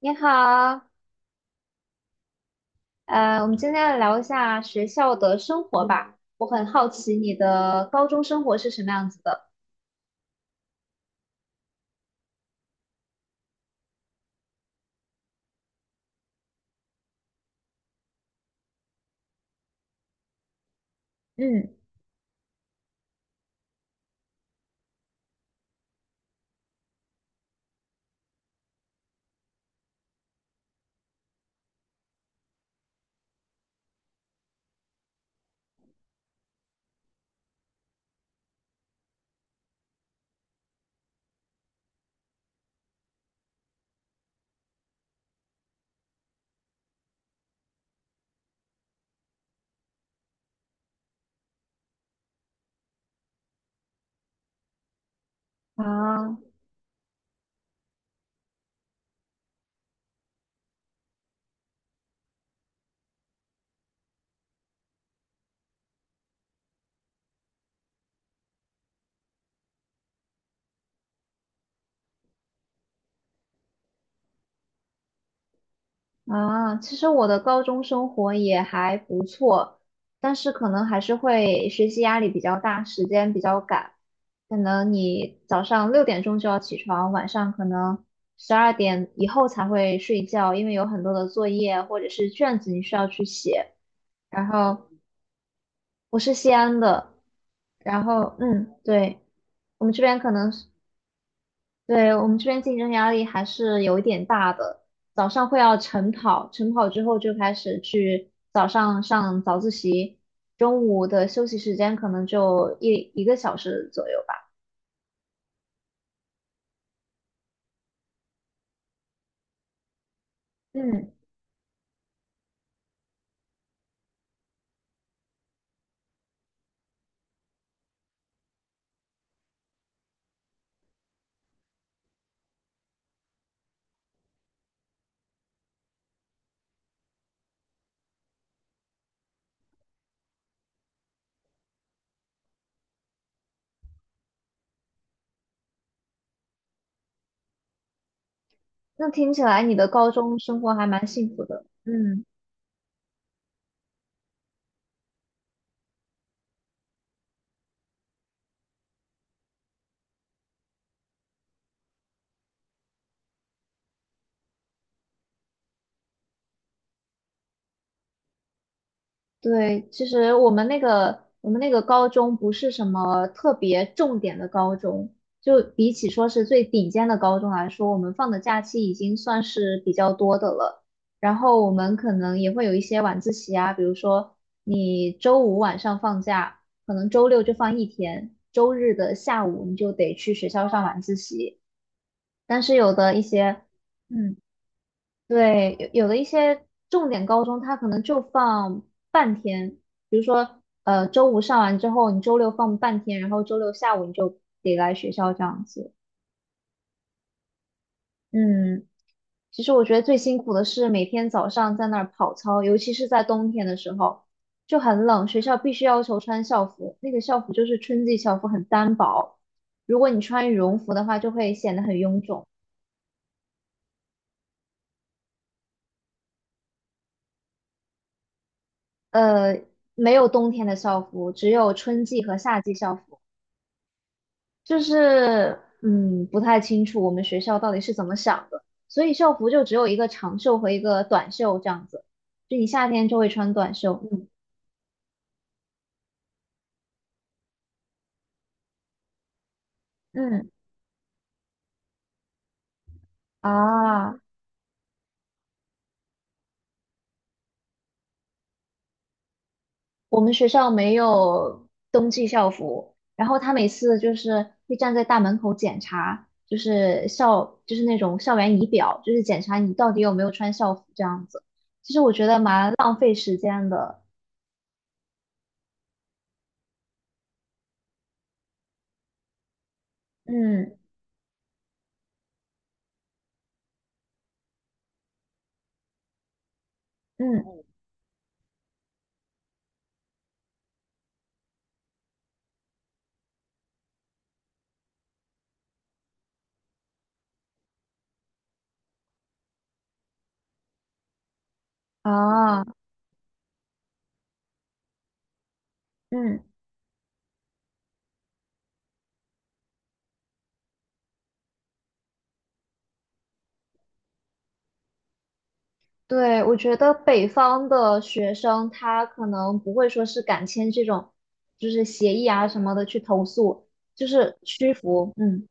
你好，我们今天来聊一下学校的生活吧。我很好奇你的高中生活是什么样子的。嗯，啊其实我的高中生活也还不错，但是可能还是会学习压力比较大，时间比较赶。可能你早上6点钟就要起床，晚上可能12点以后才会睡觉，因为有很多的作业或者是卷子你需要去写。然后我是西安的，然后嗯，对，我们这边可能是，对，我们这边竞争压力还是有一点大的。早上会要晨跑，晨跑之后就开始去早上上早自习，中午的休息时间可能就一个小时左右吧。嗯，那听起来你的高中生活还蛮幸福的。嗯。对，其实我们那个高中不是什么特别重点的高中，就比起说是最顶尖的高中来说，我们放的假期已经算是比较多的了。然后我们可能也会有一些晚自习啊，比如说你周五晚上放假，可能周六就放一天，周日的下午你就得去学校上晚自习。但是有的一些，嗯。对，有的一些重点高中，它可能就放半天，比如说，周五上完之后，你周六放半天，然后周六下午你就得来学校这样子。嗯，其实我觉得最辛苦的是每天早上在那儿跑操，尤其是在冬天的时候，就很冷，学校必须要求穿校服，那个校服就是春季校服，很单薄，如果你穿羽绒服的话，就会显得很臃肿。呃，没有冬天的校服，只有春季和夏季校服。就是不太清楚我们学校到底是怎么想的，所以校服就只有一个长袖和一个短袖这样子，就你夏天就会穿短袖。嗯嗯啊，我们学校没有冬季校服，然后他每次就是会站在大门口检查，就是校就是那种校园仪表，就是检查你到底有没有穿校服这样子。其实我觉得蛮浪费时间的。嗯嗯啊嗯。对，我觉得北方的学生他可能不会说是敢签这种，就是协议啊什么的去投诉，就是屈服，嗯，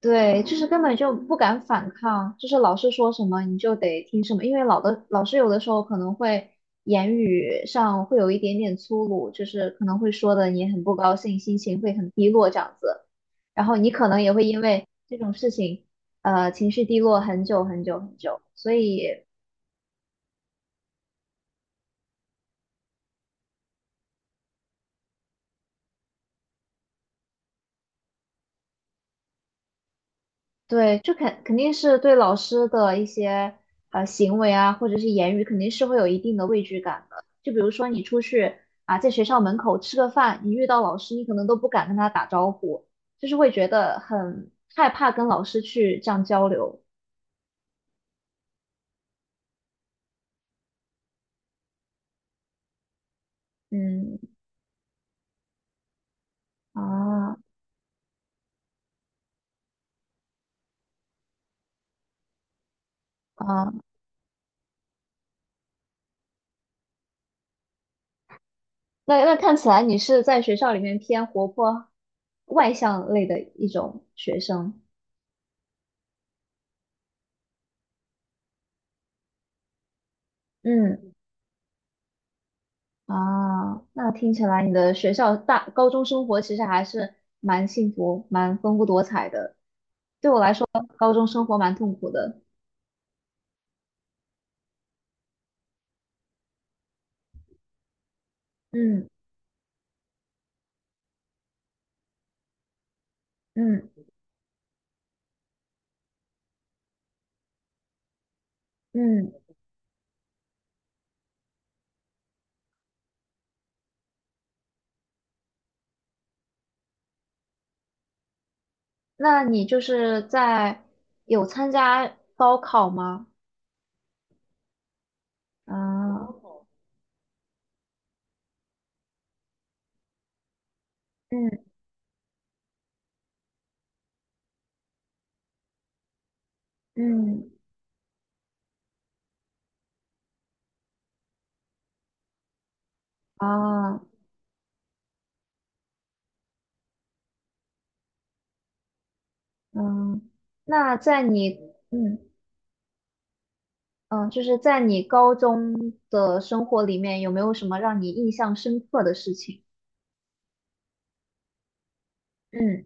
对，就是根本就不敢反抗，就是老师说什么你就得听什么，因为老的老师有的时候可能会言语上会有一点点粗鲁，就是可能会说的你很不高兴，心情会很低落这样子，然后你可能也会因为这种事情，情绪低落很久很久很久，所以。对，就肯定是对老师的一些行为啊，或者是言语，肯定是会有一定的畏惧感的。就比如说你出去啊，在学校门口吃个饭，你遇到老师，你可能都不敢跟他打招呼，就是会觉得很害怕跟老师去这样交流。嗯啊啊，那那看起来你是在学校里面偏活泼外向类的一种学生。嗯。啊，那听起来你的学校大高中生活其实还是蛮幸福、蛮丰富多彩的。对我来说，高中生活蛮痛苦的。嗯嗯嗯，那你就是在有参加高考吗？啊，嗯嗯啊嗯，那在你嗯嗯，就是在你高中的生活里面，有没有什么让你印象深刻的事情？嗯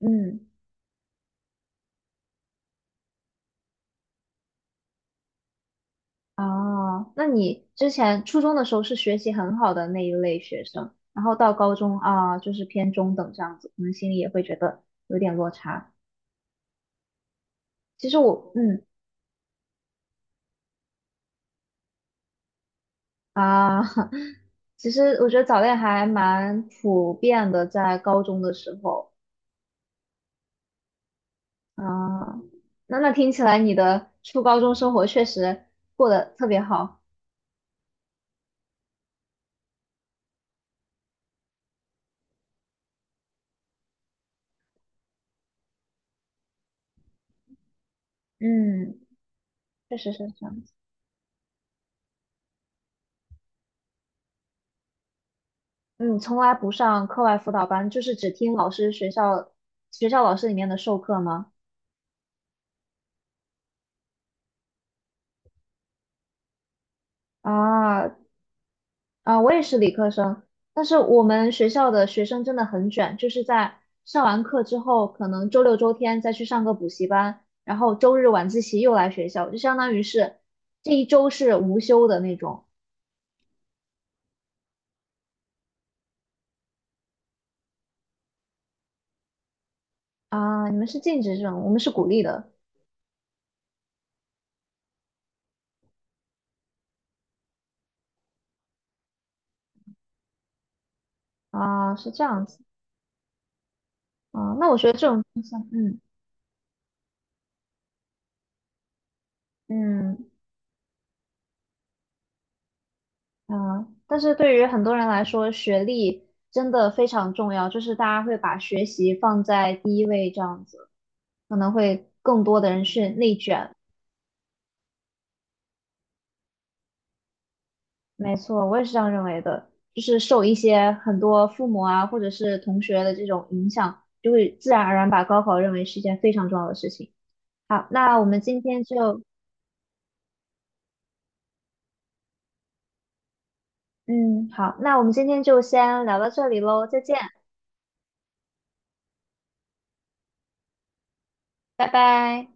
嗯。哦，那你之前初中的时候是学习很好的那一类学生，然后到高中啊，就是偏中等这样子，可能心里也会觉得有点落差。其实我，嗯啊，其实我觉得早恋还蛮普遍的，在高中的时候啊，那听起来你的初高中生活确实过得特别好，嗯，确实是这样子。嗯，从来不上课外辅导班，就是只听老师学校老师里面的授课吗？啊啊，我也是理科生，但是我们学校的学生真的很卷，就是在上完课之后，可能周六周天再去上个补习班，然后周日晚自习又来学校，就相当于是这一周是无休的那种啊。你们是禁止这种，我们是鼓励的啊，是这样子啊。那我觉得这种现象，嗯嗯。嗯，但是对于很多人来说，学历真的非常重要，就是大家会把学习放在第一位，这样子可能会更多的人去内卷。没错，我也是这样认为的，就是受一些很多父母啊，或者是同学的这种影响，就会自然而然把高考认为是一件非常重要的事情。好，那我们今天就，嗯，好，那我们今天就先聊到这里喽，再见，拜拜。